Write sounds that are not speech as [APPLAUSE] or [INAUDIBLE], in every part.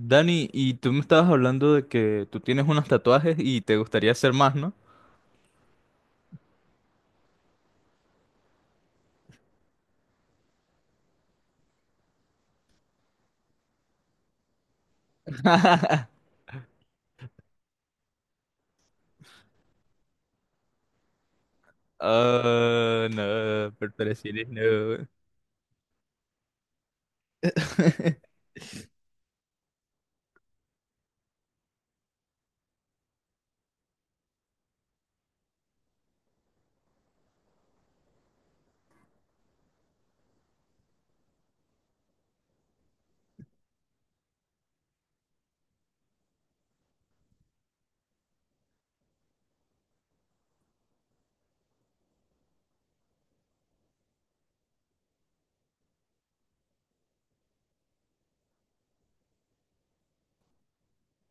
Dani, y tú me estabas hablando de que tú tienes unos tatuajes y te gustaría hacer más, ¿no? Ah, no, perforaciones no. [LAUGHS]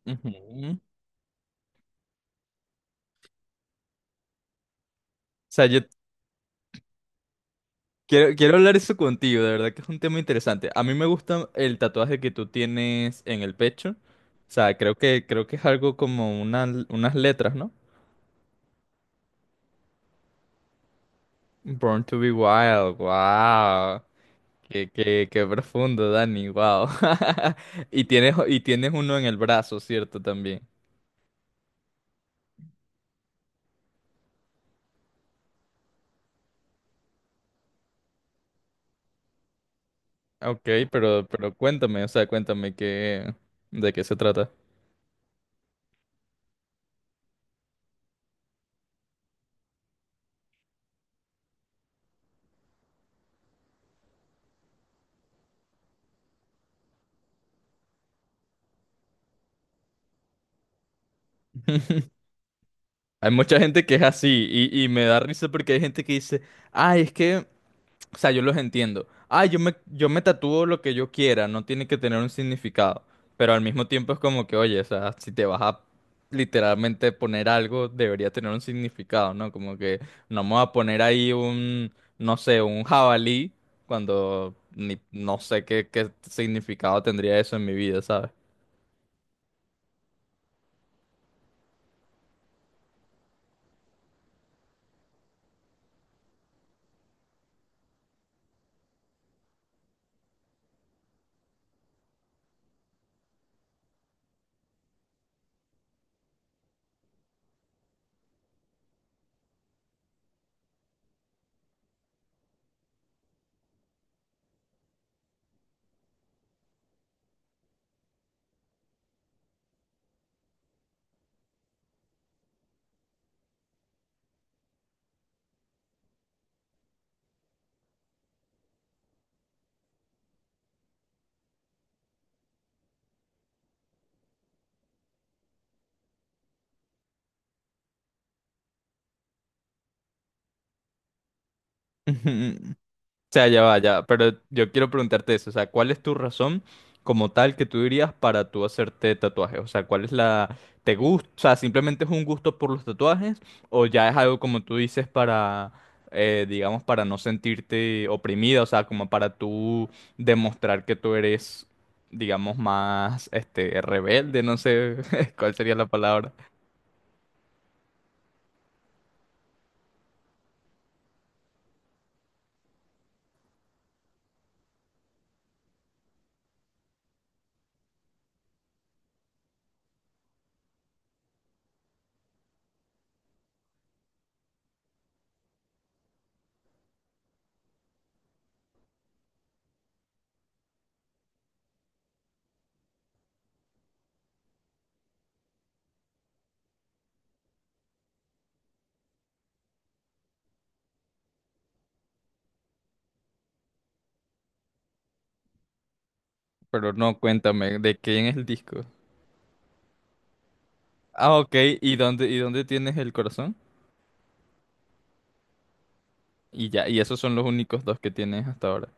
Ujú. O sea, yo quiero hablar eso contigo, de verdad que es un tema interesante. A mí me gusta el tatuaje que tú tienes en el pecho. O sea, creo que es algo como unas letras, ¿no? Born to be wild, wow. Qué profundo, Dani, wow. [LAUGHS] Y tienes uno en el brazo, ¿cierto? También. Ok, pero cuéntame, o sea, cuéntame qué, de qué se trata. Hay mucha gente que es así y me da risa porque hay gente que dice, ay, es que, o sea, yo los entiendo. Ay, yo me tatúo lo que yo quiera, no tiene que tener un significado. Pero al mismo tiempo es como que, oye, o sea, si te vas a literalmente poner algo, debería tener un significado, ¿no? Como que no me voy a poner ahí un, no sé, un jabalí cuando ni, no sé qué significado tendría eso en mi vida, ¿sabes? Ujú. O sea, ya va, ya, pero yo quiero preguntarte eso, o sea, ¿cuál es tu razón como tal que tú dirías para tú hacerte tatuajes? O sea, ¿cuál es la... ¿Te gusta? O sea, ¿simplemente es un gusto por los tatuajes o ya es algo como tú dices para, digamos, para no sentirte oprimida, o sea, como para tú demostrar que tú eres, digamos, más, este, rebelde, no sé [LAUGHS] cuál sería la palabra, pero no, cuéntame, ¿de quién es el disco? Ah, ok, ¿y dónde tienes el corazón? Y ya, y esos son los únicos dos que tienes hasta ahora.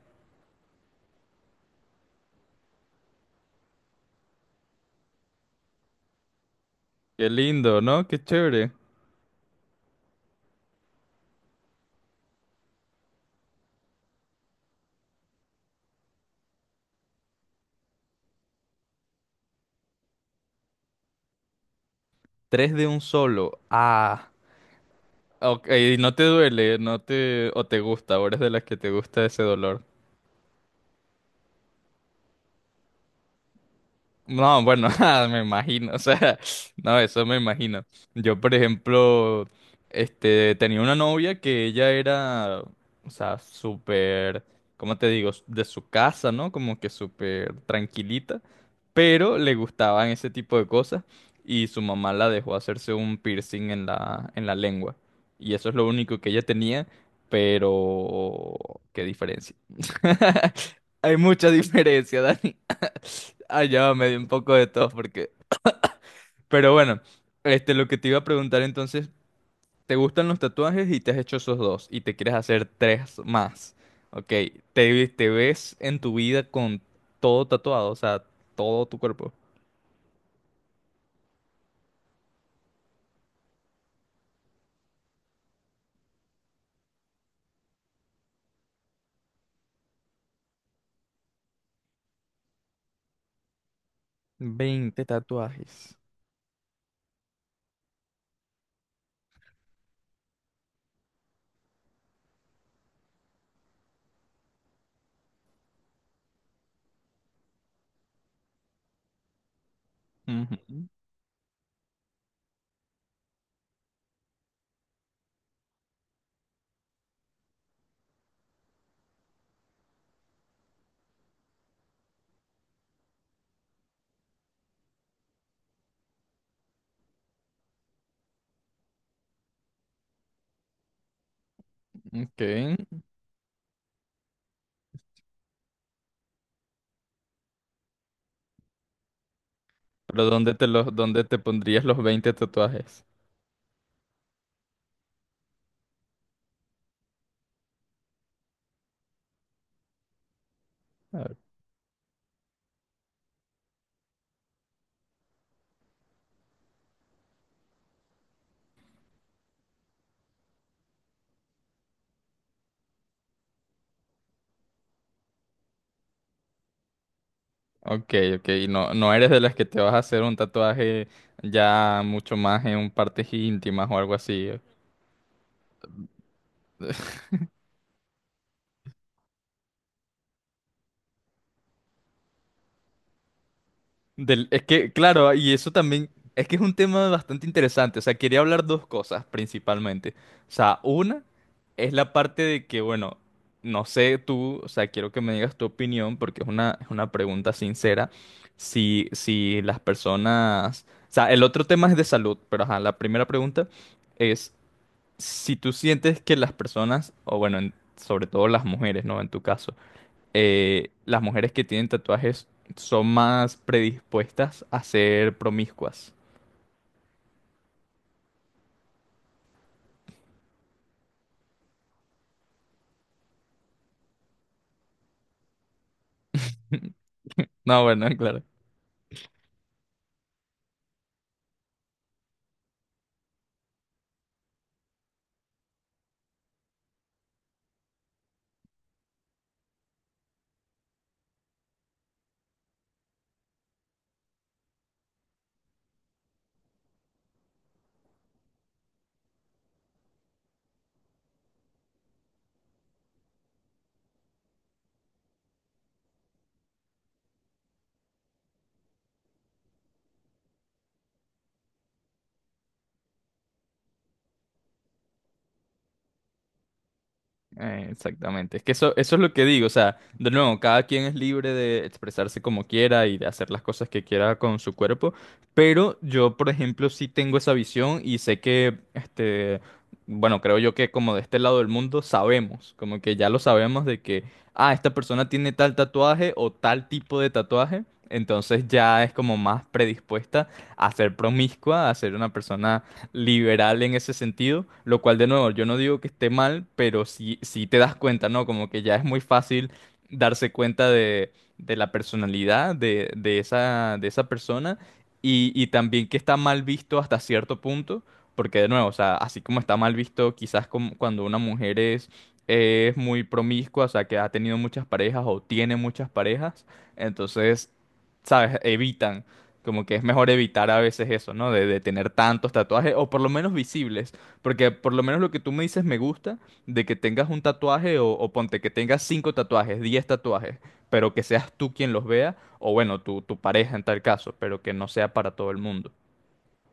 Qué lindo, ¿no? Qué chévere. Tres de un solo. Ah. Ok, no te duele, no te... o te gusta, ahora es de las que te gusta ese dolor. No, bueno, [LAUGHS] ah, me imagino, o sea, no, eso me imagino. Yo, por ejemplo, este, tenía una novia que ella era, o sea, súper, ¿cómo te digo? De su casa, ¿no? Como que súper tranquilita, pero le gustaban ese tipo de cosas y su mamá la dejó hacerse un piercing en la lengua. Y eso es lo único que ella tenía, pero, ¿qué diferencia? [LAUGHS] Hay mucha diferencia, Dani. Ah, ya va, me dio un poco de tos porque... Pero bueno, este, lo que te iba a preguntar entonces, ¿te gustan los tatuajes y te has hecho esos dos y te quieres hacer tres más? Ok, te ves en tu vida con todo tatuado, o sea, todo tu cuerpo? 20 tatuajes. Ujú. Ok. Pero ¿dónde dónde te pondrías los 20 tatuajes? Ah. Ok, ok, y no eres de las que te vas a hacer un tatuaje ya mucho más en partes íntimas o algo así. Es que, claro, y eso también, es que es un tema bastante interesante. O sea, quería hablar dos cosas principalmente. O sea, una es la parte de que, bueno, no sé tú, o sea, quiero que me digas tu opinión porque es una pregunta sincera. Si las personas, o sea, el otro tema es de salud, pero ajá, la primera pregunta es si tú sientes que las personas, o bueno, sobre todo las mujeres, ¿no? En tu caso las mujeres que tienen tatuajes son más predispuestas a ser promiscuas. No, bueno, [LAUGHS] claro. Exactamente. Es que eso es lo que digo. O sea, de nuevo, cada quien es libre de expresarse como quiera y de hacer las cosas que quiera con su cuerpo. Pero yo, por ejemplo, sí tengo esa visión y sé que, este, bueno, creo yo que como de este lado del mundo sabemos, como que ya lo sabemos de que, ah, esta persona tiene tal tatuaje o tal tipo de tatuaje. Entonces ya es como más predispuesta a ser promiscua, a ser una persona liberal en ese sentido, lo cual de nuevo yo no digo que esté mal, pero sí, sí te das cuenta, ¿no? Como que ya es muy fácil darse cuenta de la personalidad de esa persona y también que está mal visto hasta cierto punto, porque de nuevo, o sea, así como está mal visto quizás como cuando una mujer es muy promiscua, o sea, que ha tenido muchas parejas o tiene muchas parejas, entonces ¿sabes? Evitan como que es mejor evitar a veces eso, ¿no? De tener tantos tatuajes, o por lo menos visibles. Porque por lo menos lo que tú me dices me gusta, de que tengas un tatuaje, o ponte que tengas cinco tatuajes, 10 tatuajes, pero que seas tú quien los vea, o bueno, tu pareja en tal caso, pero que no sea para todo el mundo.